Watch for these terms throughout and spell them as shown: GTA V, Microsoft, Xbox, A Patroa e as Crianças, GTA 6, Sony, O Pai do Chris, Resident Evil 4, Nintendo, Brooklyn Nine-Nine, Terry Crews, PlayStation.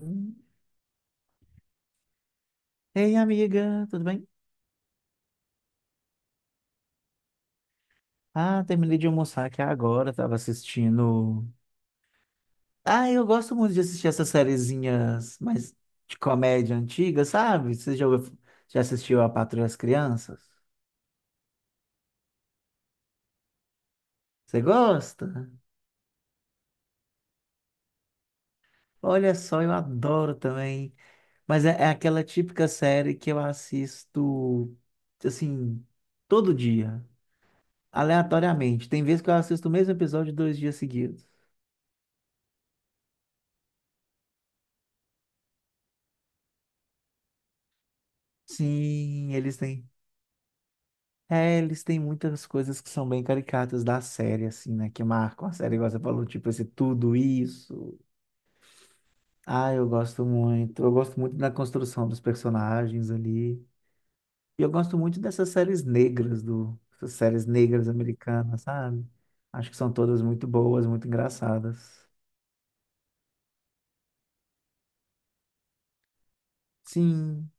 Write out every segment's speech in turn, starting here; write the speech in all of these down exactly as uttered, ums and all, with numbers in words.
Hum. Ei, amiga, tudo bem? Ah, terminei de almoçar aqui agora, tava assistindo. Ah, eu gosto muito de assistir essas sériezinhas mais de comédia antiga, sabe? Você já, ouviu- já assistiu A Patroa e as Crianças? Você gosta? Olha só, eu adoro também. Mas é, é aquela típica série que eu assisto, assim, todo dia, aleatoriamente. Tem vezes que eu assisto o mesmo episódio dois dias seguidos. Sim, eles têm. É, eles têm muitas coisas que são bem caricatas da série, assim, né? Que marcam a série, igual você falou, tipo, esse tudo isso. Ah, eu gosto muito. Eu gosto muito da construção dos personagens ali. E eu gosto muito dessas séries negras do... Essas séries negras americanas, sabe? Acho que são todas muito boas, muito engraçadas. Sim,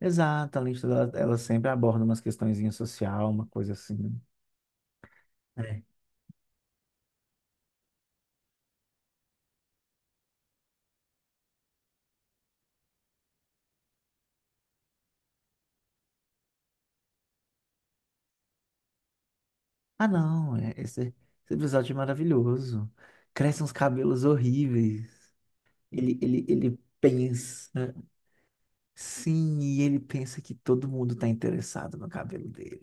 exato. A lista dela, ela sempre aborda umas questõezinhas social, uma coisa assim. Ah, não, é- esse, esse episódio é maravilhoso. Crescem uns cabelos horríveis. Ele, ele, ele pensa. Sim, e ele pensa que todo mundo tá interessado no cabelo dele.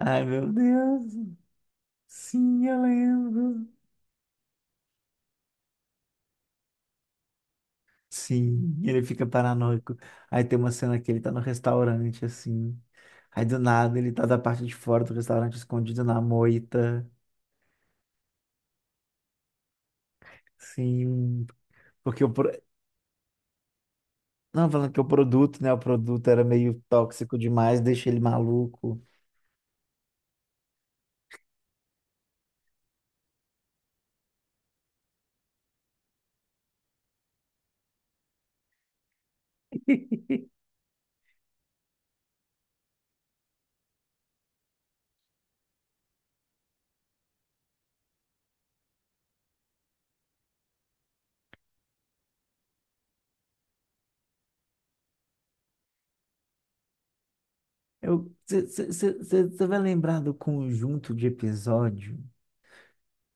Ai, meu Deus. Sim, eu lembro. Sim, ele fica paranoico. Aí tem uma cena que ele tá no restaurante, assim. Aí do nada ele tá da parte de fora do restaurante escondido na moita. Sim. porque o, pro- Não, falando que o produto, né? O produto era meio tóxico demais, deixa ele maluco. Eu, você vai lembrar do conjunto de episódio,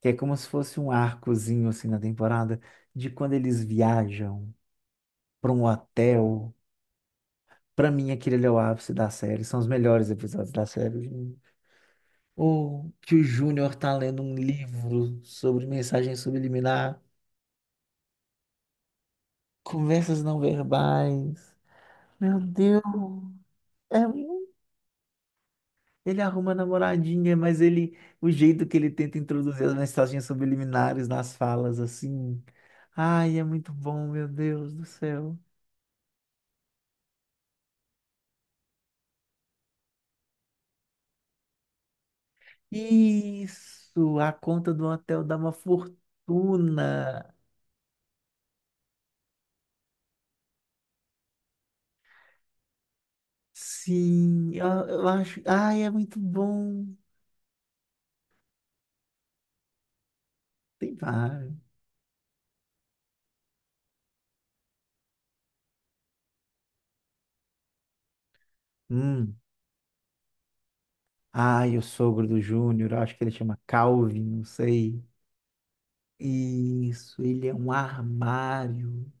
que é como se fosse um arcozinho assim na temporada, de quando eles viajam para um hotel. Pra mim, aquele ali é o ápice da série, são os melhores episódios da série. Gente. Ou que o Júnior tá lendo um livro sobre mensagem subliminar, conversas não verbais. Meu Deus. É. Ele arruma namoradinha, mas ele, o jeito que ele tenta introduzir as mensagens subliminares nas falas, assim. Ai, é muito bom, meu Deus do céu. Isso, a conta do hotel dá uma fortuna. Sim, eu, eu acho. Ai, é muito bom. Tem vários. Hum. Ai, o sogro do Júnior, eu acho que ele chama Calvin, não sei. Isso, ele é um armário.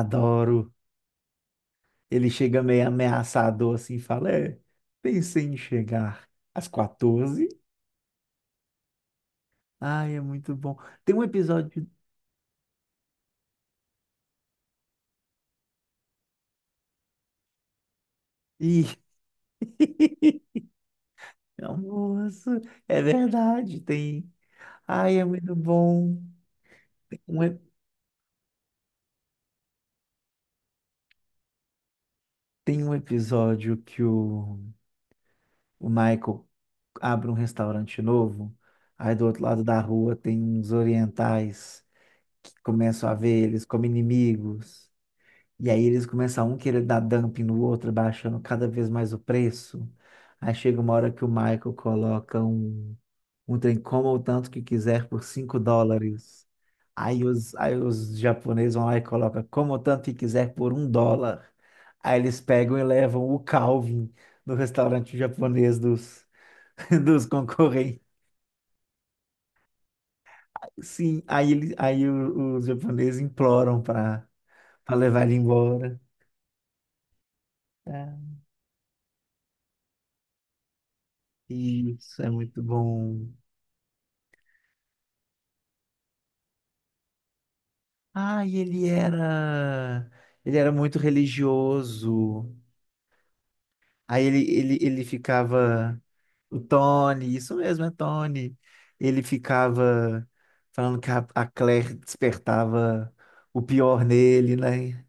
Adoro. Ele chega meio ameaçador assim e fala: É, pensei em chegar às quatorze. Ai, é muito bom. Tem um episódio. Ih, almoço, é verdade, tem. Ai, é muito bom. Tem um, ep- tem um episódio que o, o Michael abre um restaurante novo. Aí do outro lado da rua tem uns orientais que começam a ver eles como inimigos. E aí eles começam um querer dar dumping no outro, baixando cada vez mais o preço. Aí chega uma hora que o Michael coloca um, um trem coma o tanto que quiser por cinco dólares. Aí os, aí os japoneses vão lá e colocam como o tanto que quiser por um dólar. Aí eles pegam e levam o Calvin no restaurante japonês dos, dos concorrentes. Sim, aí, ele, aí o- os japoneses imploram para levar ele embora. É. Isso é muito bom. Ah, e ele era. Ele era muito religioso. Aí ele, ele, ele ficava. O Tony, isso mesmo, é Tony. Ele ficava falando que a, a Claire despertava o pior nele, né?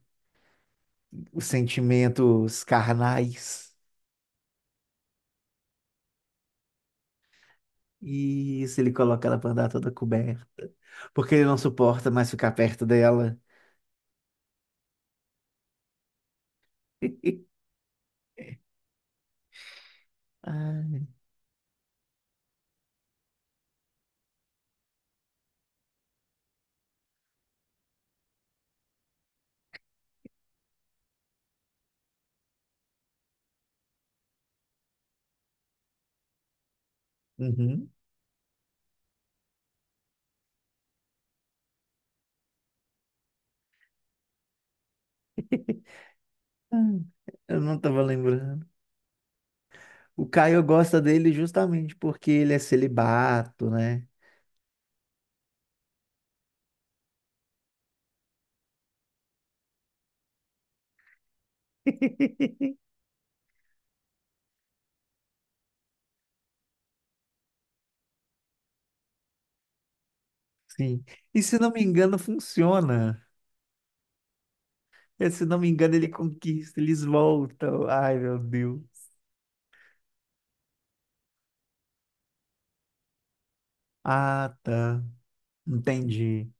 Os sentimentos carnais. E isso ele coloca ela pra andar toda coberta. Porque ele não suporta mais ficar perto dela. Ai, uhum. Ah, Eu não tava lembrando. O Caio gosta dele justamente porque ele é celibato, né? Sim. E se não me engano, funciona. E, se não me engano, ele conquista, eles voltam. Ai, meu Deus. Ah, tá. Entendi.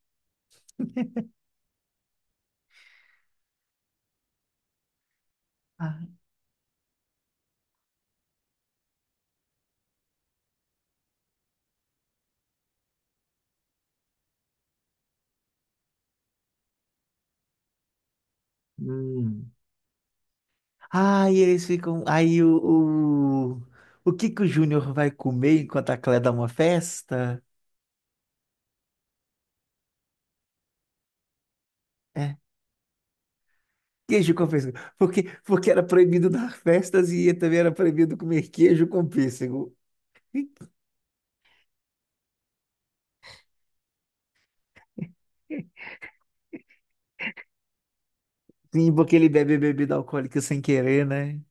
Ah, hum. Ah, e eles ficam. Aí o, o, o que que o Júnior vai comer enquanto a Cléia dá uma festa? É. Queijo com pêssego. Porque, porque era proibido dar festas e também era proibido comer queijo com pêssego. Sim, porque ele bebe bebida alcoólica sem querer, né?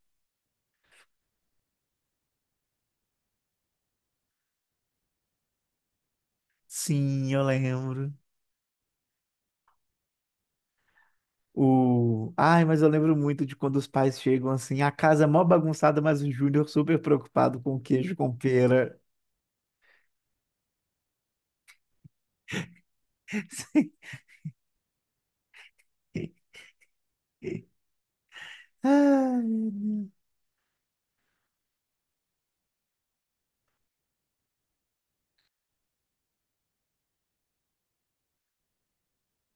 Sim, eu lembro. O... Ai, mas eu lembro muito de quando os pais chegam assim, a casa é mó bagunçada, mas o Júnior super preocupado com queijo com pera. Sim. Ai, meu Deus.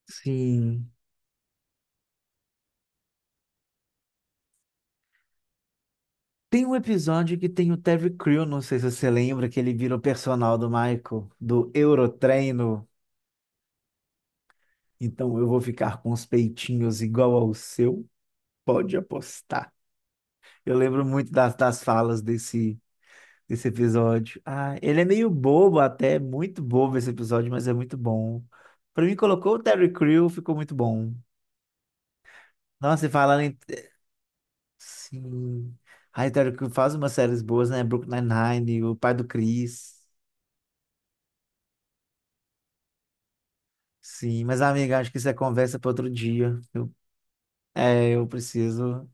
Sim. Tem um episódio que tem o Terry Crew, não sei se você lembra, que ele vira o personal do Michael, do Eurotreino. Então eu vou ficar com os peitinhos igual ao seu, pode apostar. Eu lembro muito das, das falas desse esse episódio. Ah, ele é meio bobo até, é muito bobo esse episódio, mas é muito bom. Pra mim, colocou o Terry Crew, ficou muito bom. Nossa, e falando em... Sim. Ai, o Terry Crew faz umas séries boas, né? Brooklyn Nine-Nine, O Pai do Chris. Sim, mas amiga, acho que isso é conversa para outro dia. Eu, é, eu preciso...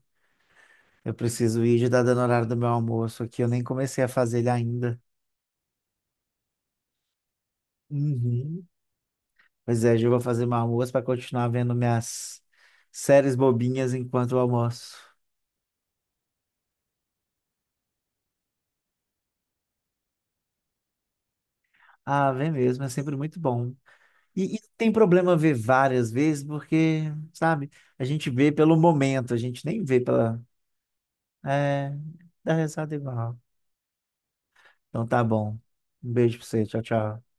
Eu preciso ir, já tá dando horário do meu almoço aqui, eu nem comecei a fazer ele ainda. Uhum. Pois é, Ju, vou fazer meu almoço para continuar vendo minhas séries bobinhas enquanto eu almoço. Ah, vem mesmo, é sempre muito bom. E, e não tem problema ver várias vezes, porque, sabe, a gente vê pelo momento, a gente nem vê pela. É, dá risada igual. Então tá bom. Um beijo pra você, tchau, tchau.